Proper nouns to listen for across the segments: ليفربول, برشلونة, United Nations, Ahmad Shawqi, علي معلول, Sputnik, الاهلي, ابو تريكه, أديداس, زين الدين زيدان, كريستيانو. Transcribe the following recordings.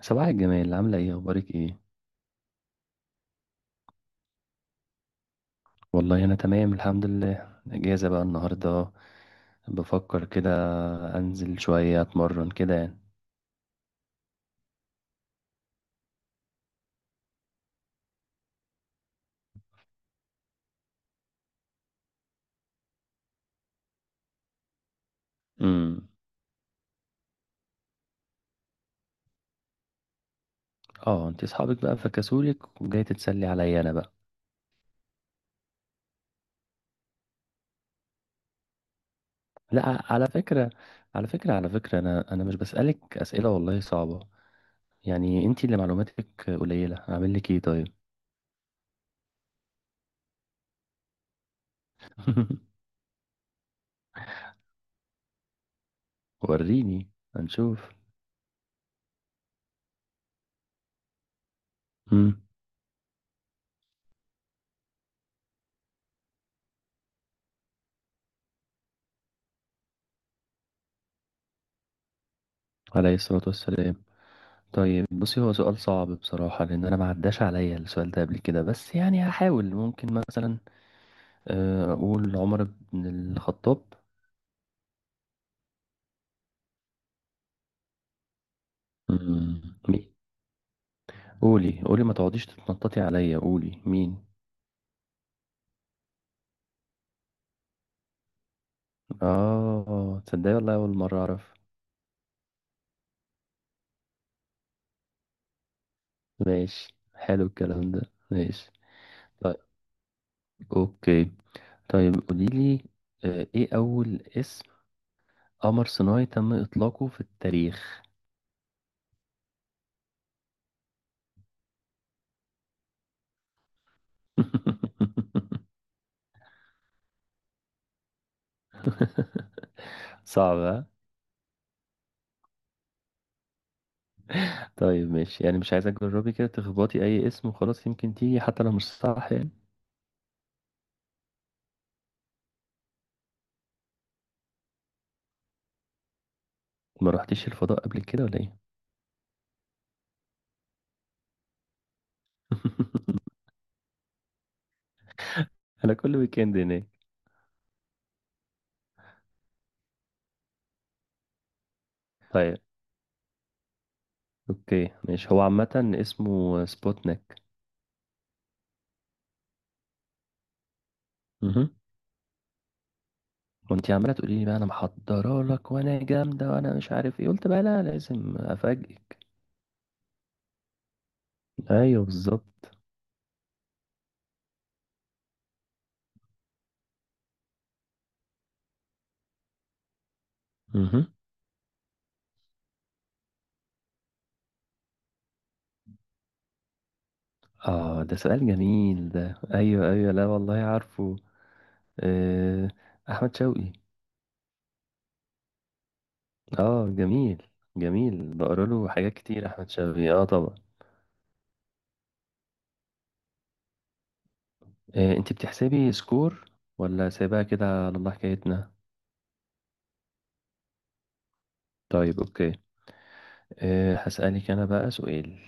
صباح الجمال، عاملة ايه؟ اخبارك ايه؟ والله انا تمام، الحمد لله. اجازة بقى النهاردة. بفكر كده انزل شوية اتمرن كده يعني. امم. اه، انت اصحابك بقى فكسولك وجاي تتسلي عليا انا بقى؟ لا، على فكرة، على فكرة انا مش بسألك اسئلة والله صعبة. يعني انت اللي معلوماتك قليلة، اعمل لك ايه طيب؟ وريني، هنشوف. امم. عليه الصلاة والسلام. طيب بصي، هو سؤال صعب بصراحة لأن أنا ما عداش عليا السؤال ده قبل كده، بس يعني هحاول. ممكن مثلا أقول عمر بن الخطاب. مين؟ قولي قولي، ما تقعديش تتنططي عليا، قولي مين. آه، تصدقي والله أول مرة أعرف. ماشي، حلو الكلام ده. ماشي. طيب، أوكي. طيب قوليلي إيه أول اسم قمر صناعي تم إطلاقه في التاريخ؟ صعب. طيب ماشي، يعني مش عايزك تجربي كده تخبطي اي اسم وخلاص؟ يمكن تيجي حتى لو مش صح يعني. ما رحتيش الفضاء قبل كده ولا ايه؟ انا كل ويكند هناك. طيب اوكي، ماشي، هو عامة اسمه سبوتنيك. مهم. وانتي عمالة تقولي لي بقى انا محضرة لك وانا جامدة وانا مش عارف ايه، قلت بقى لا، لازم افاجئك. ايوه بالظبط. مهم. اه ده سؤال جميل ده، ايوه ايوه، لا والله عارفه. آه، احمد شوقي. اه جميل. جميل، بقرا له حاجات كتير احمد شوقي، اه طبعا. إيه، انت بتحسبي سكور ولا سايباها كده على الله حكايتنا؟ طيب اوكي، إيه هسألك انا بقى سؤال.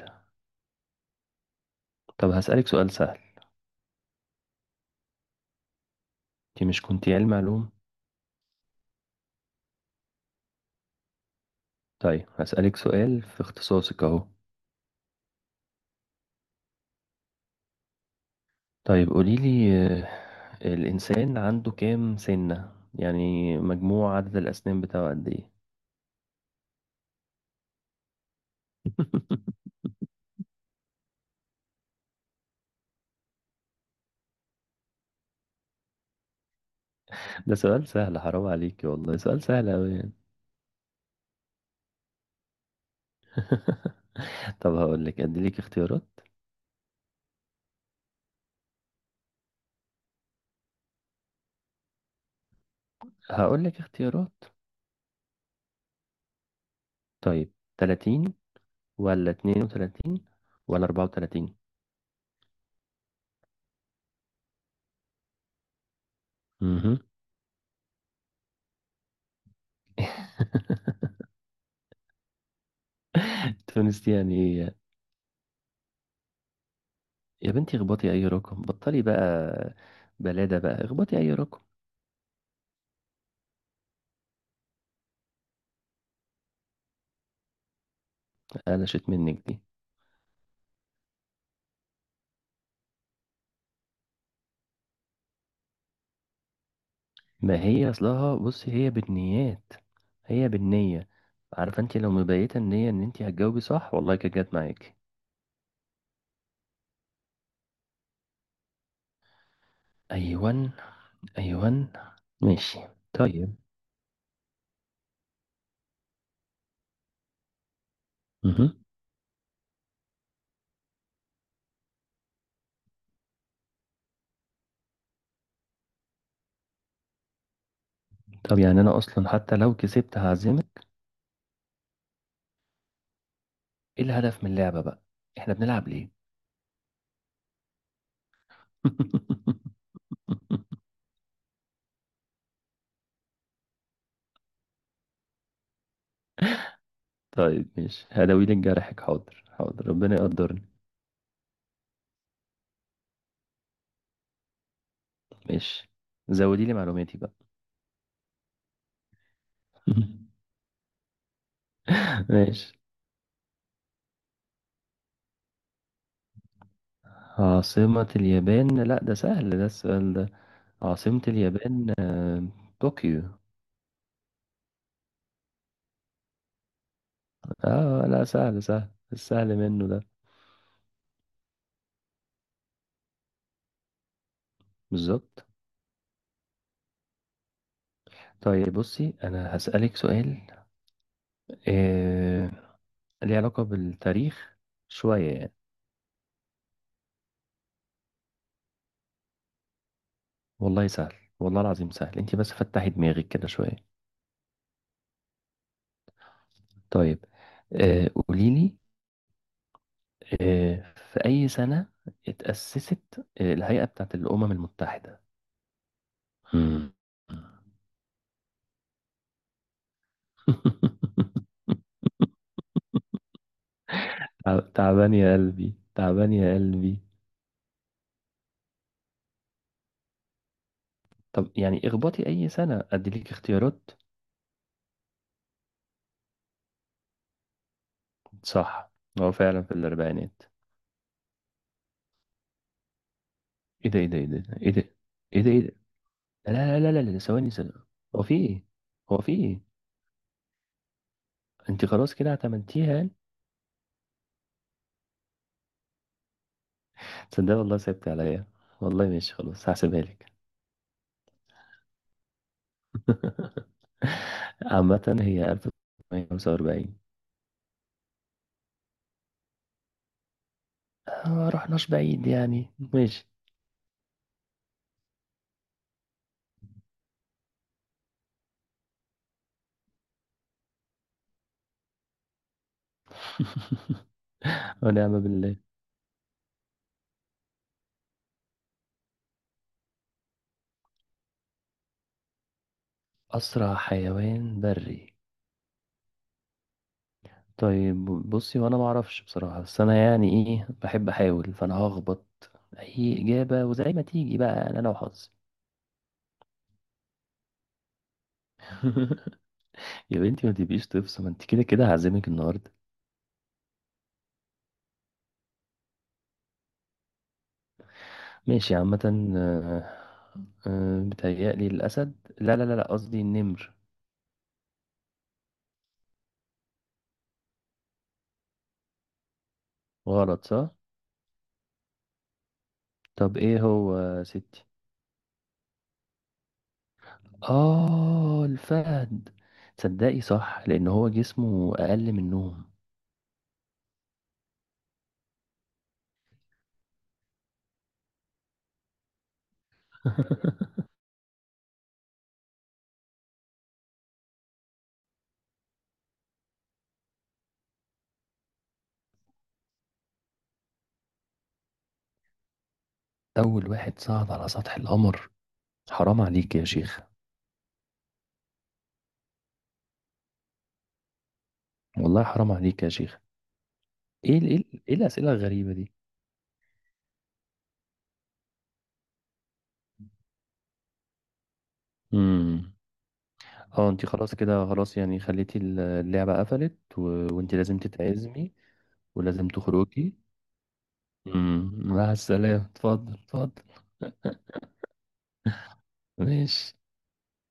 طب هسألك سؤال سهل. انت مش كنتي علم علوم؟ طيب هسألك سؤال في اختصاصك اهو. طيب قوليلي، آه، الانسان عنده كام سنة يعني؟ مجموع عدد الاسنان بتاعه قد ايه؟ ده سؤال سهل، حرام عليكي والله، سؤال سهل أوي يعني. طب هقول لك، اديلك اختيارات. هقول لك اختيارات. طيب، 30 ولا 32 ولا 34؟ امم. تونس يعني! ايه يا بنتي، اخبطي اي رقم، بطلي بقى. بلادة بقى، اخبطي اي رقم. قلشت منك دي. ما هي اصلها بصي هي بالنيات، هي بالنية. عارفة، انت لو مبيتة النية ان انت هتجاوبي صح، والله كانت جت معاكي. ايوان، ايوان. ماشي. طيب. مهم. طب يعني انا اصلا حتى لو كسبت هعزمك. ايه الهدف من اللعبة بقى؟ احنا بنلعب ليه؟ طيب ماشي، هداوي لك جرحك، حاضر حاضر، ربنا يقدرني. ماشي، زودي لي معلوماتي بقى. ماشي. عاصمة اليابان؟ لا ده سهل ده السؤال ده. عاصمة اليابان، طوكيو. اه لا، سهل، سهل السهل منه ده. بالظبط. طيب بصي، انا هسألك سؤال آه... ليه علاقة بالتاريخ شوية يعني. والله سهل، والله العظيم سهل، انت بس فتحي دماغك كده شوية. طيب قوليلي، في أي سنة اتأسست الهيئة بتاعت الأمم المتحدة؟ مم. تعبان يا قلبي، تعبان يا قلبي. طب يعني اخبطي أي سنة، أديلك اختيارات. صح، هو فعلا في الأربعينات. ايه ده ايه ده ايه ده ايه ده ايه ده ايه ده؟ لا لا لا لا، لا، ثواني ثواني. هو في ايه؟ هو في ايه؟ انت خلاص كده اعتمدتيها؟ تصدق والله سبت عليا. والله ماشي، خلاص هحسبها لك. عامة هي 1945. ما رحناش بعيد يعني. ماشي. ونعم بالله. أسرع حيوان بري. طيب بصي، وأنا معرفش بصراحة بس أنا يعني إيه، بحب أحاول، فأنا هخبط أي إجابة وزي ما تيجي بقى، أنا لو حظي. يا بنتي ما تبقيش تفصل، ما أنت كده كده هعزمك النهاردة. ماشي، عامة بتهيألي الأسد. لا لا لا لا، قصدي النمر. غلط صح؟ طب إيه هو يا ستي؟ آه، الفهد. تصدقي صح، لأن هو جسمه أقل منهم. أول واحد صعد على سطح القمر؟ حرام عليك يا شيخ. والله حرام عليك يا شيخ. إيه الأسئلة الغريبة دي؟ امم. اه انت خلاص كده، خلاص يعني، خليتي اللعبة قفلت و... وانت لازم تتعزمي ولازم تخرجي. امم. مع السلامة، اتفضل اتفضل. ماشي.